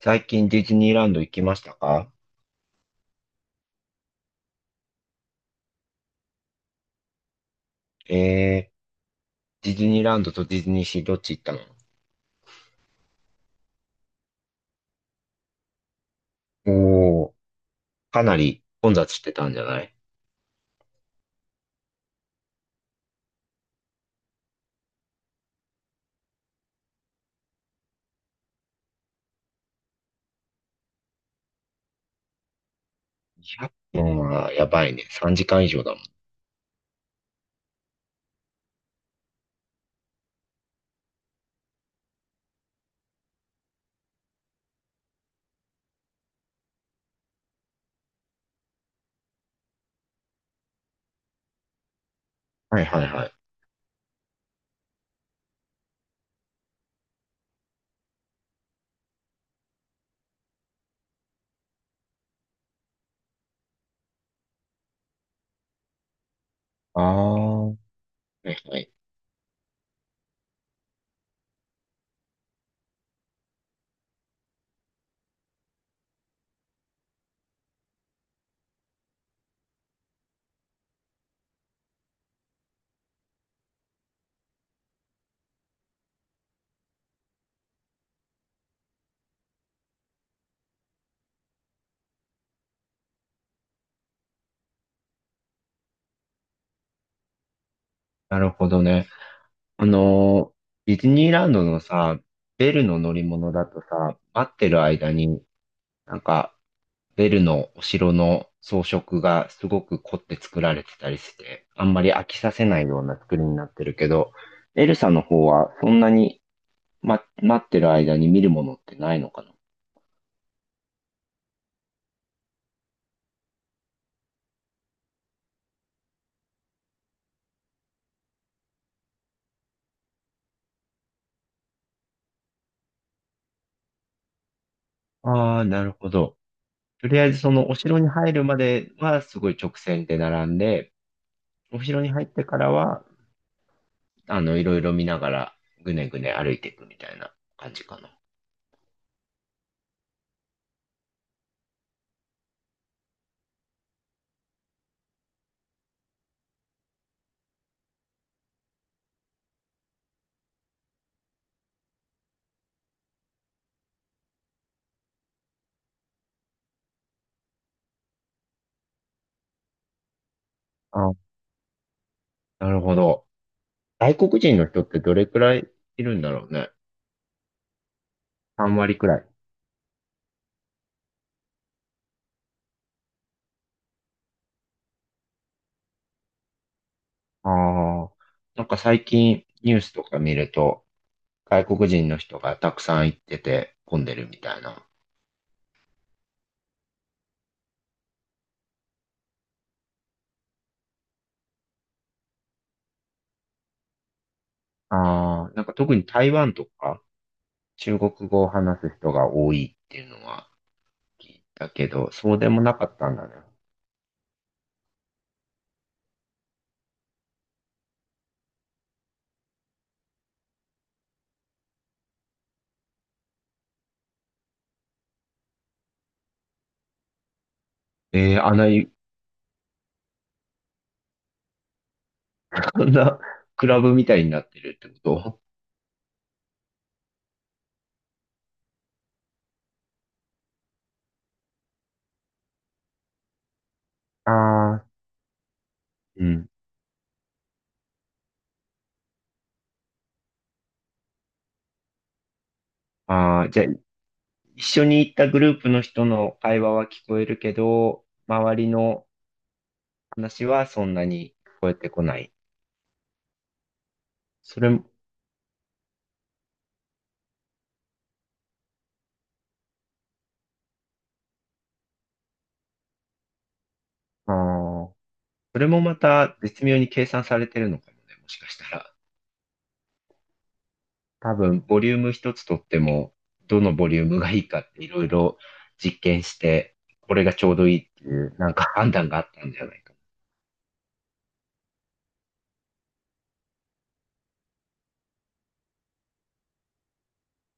最近ディズニーランド行きましたか？えディズニーランドとディズニーシーどっち行ったの？おー、かなり混雑してたんじゃない？2 0分はやばいね。3時間以上だもん。はいはいはい。あー、はいはい。なるほどね。あのディズニーランドのさ、ベルの乗り物だとさ、待ってる間になんかベルのお城の装飾がすごく凝って作られてたりして、あんまり飽きさせないような作りになってるけど、エルサの方はそんなに、待ってる間に見るものってないのかな？ああ、なるほど。とりあえずそのお城に入るまではすごい直線で並んで、お城に入ってからは、いろいろ見ながらぐねぐね歩いていくみたいな感じかな。あ、なるほど。外国人の人ってどれくらいいるんだろうね。3割くらい。ああ、なんか最近ニュースとか見ると、外国人の人がたくさん行ってて混んでるみたいな。ああ、なんか特に台湾とか中国語を話す人が多いっていうのは聞いたけど、そうでもなかったんだね。えーあんな、こんなクラブみたいになってるってこと？ああー、うん。ああ、じゃあ一緒に行ったグループの人の会話は聞こえるけど、周りの話はそんなに聞こえてこない。それも、ああ。それもまた絶妙に計算されてるのかもね、もしかしたら。多分、ボリューム一つとっても、どのボリュームがいいかっていろいろ実験して、これがちょうどいいっていう、なんか判断があったんじゃないか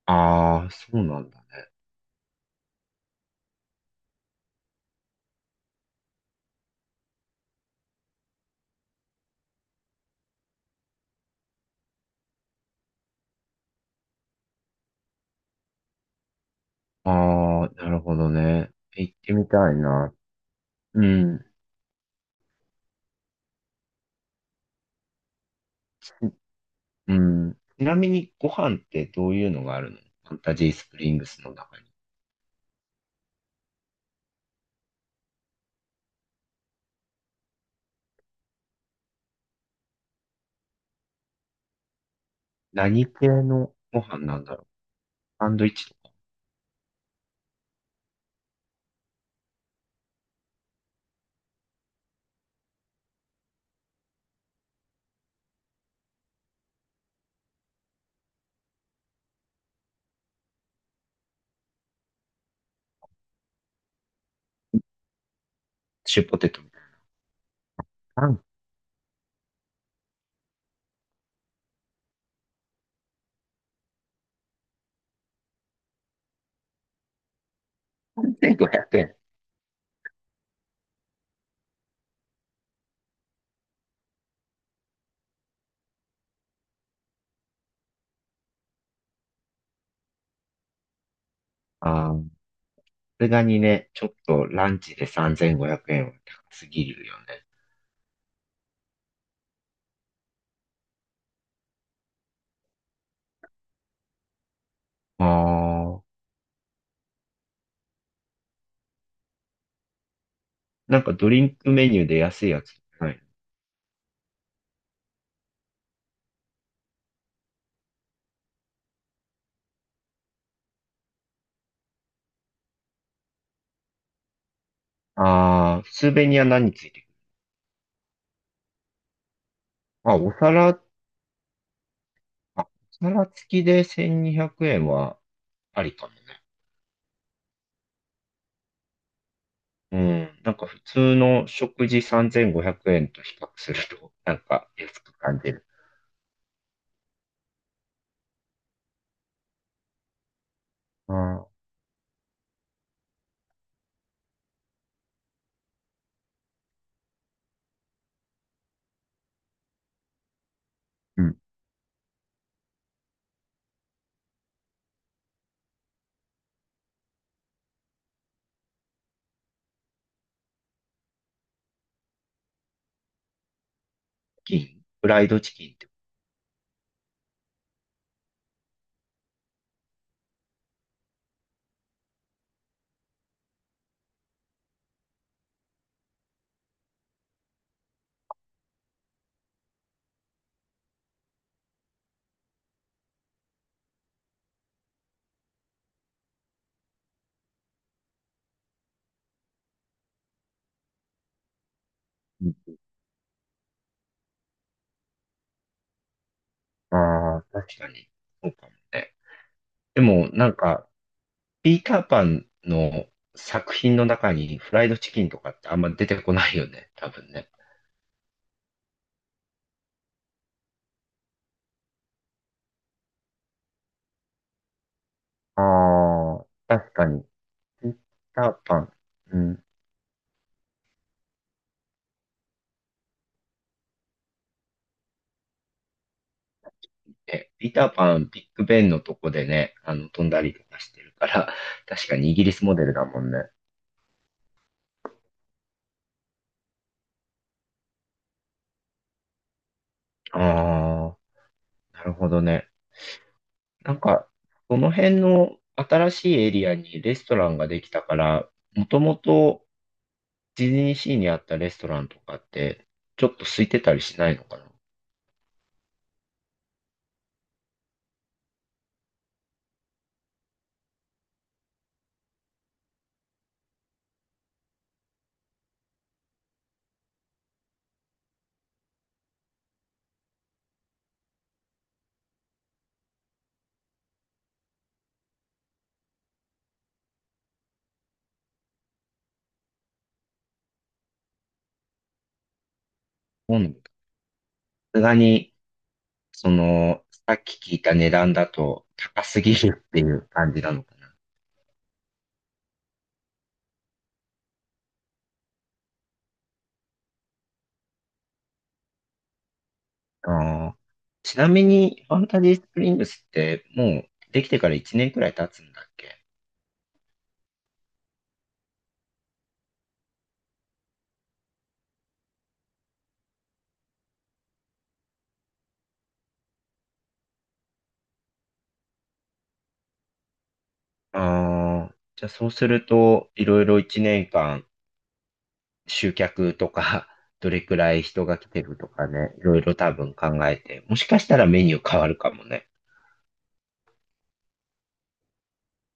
な。ああ、そうなんだね。ああ、なるほどね。行ってみたいな。うん。ちうん。ちなみにご飯ってどういうのがあるの、ファンタジースプリングスの中に？何系のご飯なんだろう？サンドイッチとか、シューポテトみたいな。3500円。ああ、れがにね、ちょっとランチで3500円は高すぎるよね。ああ、なんかドリンクメニューで安いやつない？ああ、スーベニア何ついてくる？あ、お皿、あ、お皿付きで1200円はありかもね。うん、なんか普通の食事3500円と比較すると、なんか安く感じる。ああ、うん。チキンフライドチキンって？うん、ああ、確かに。そうかもね。でも、なんか、ピーターパンの作品の中にフライドチキンとかってあんま出てこないよね、多分ね。ああ、確かに。ピーターパン。うん。え、ピーターパン、ビッグベンのとこでね、飛んだりとかしてるから、確かにイギリスモデルだもんね。ああ、なるほどね。なんか、その辺の新しいエリアにレストランができたから、もともとディズニーシーにあったレストランとかって、ちょっと空いてたりしないのかな？今さすがに、その、さっき聞いた値段だと高すぎるっていう感じなのかな。あー、ちなみに、ファンタジースプリングスってもうできてから1年くらい経つんだっけ？ああ、じゃあそうすると、いろいろ1年間集客とか、どれくらい人が来てるとかね、いろいろ多分考えて、もしかしたらメニュー変わるかもね。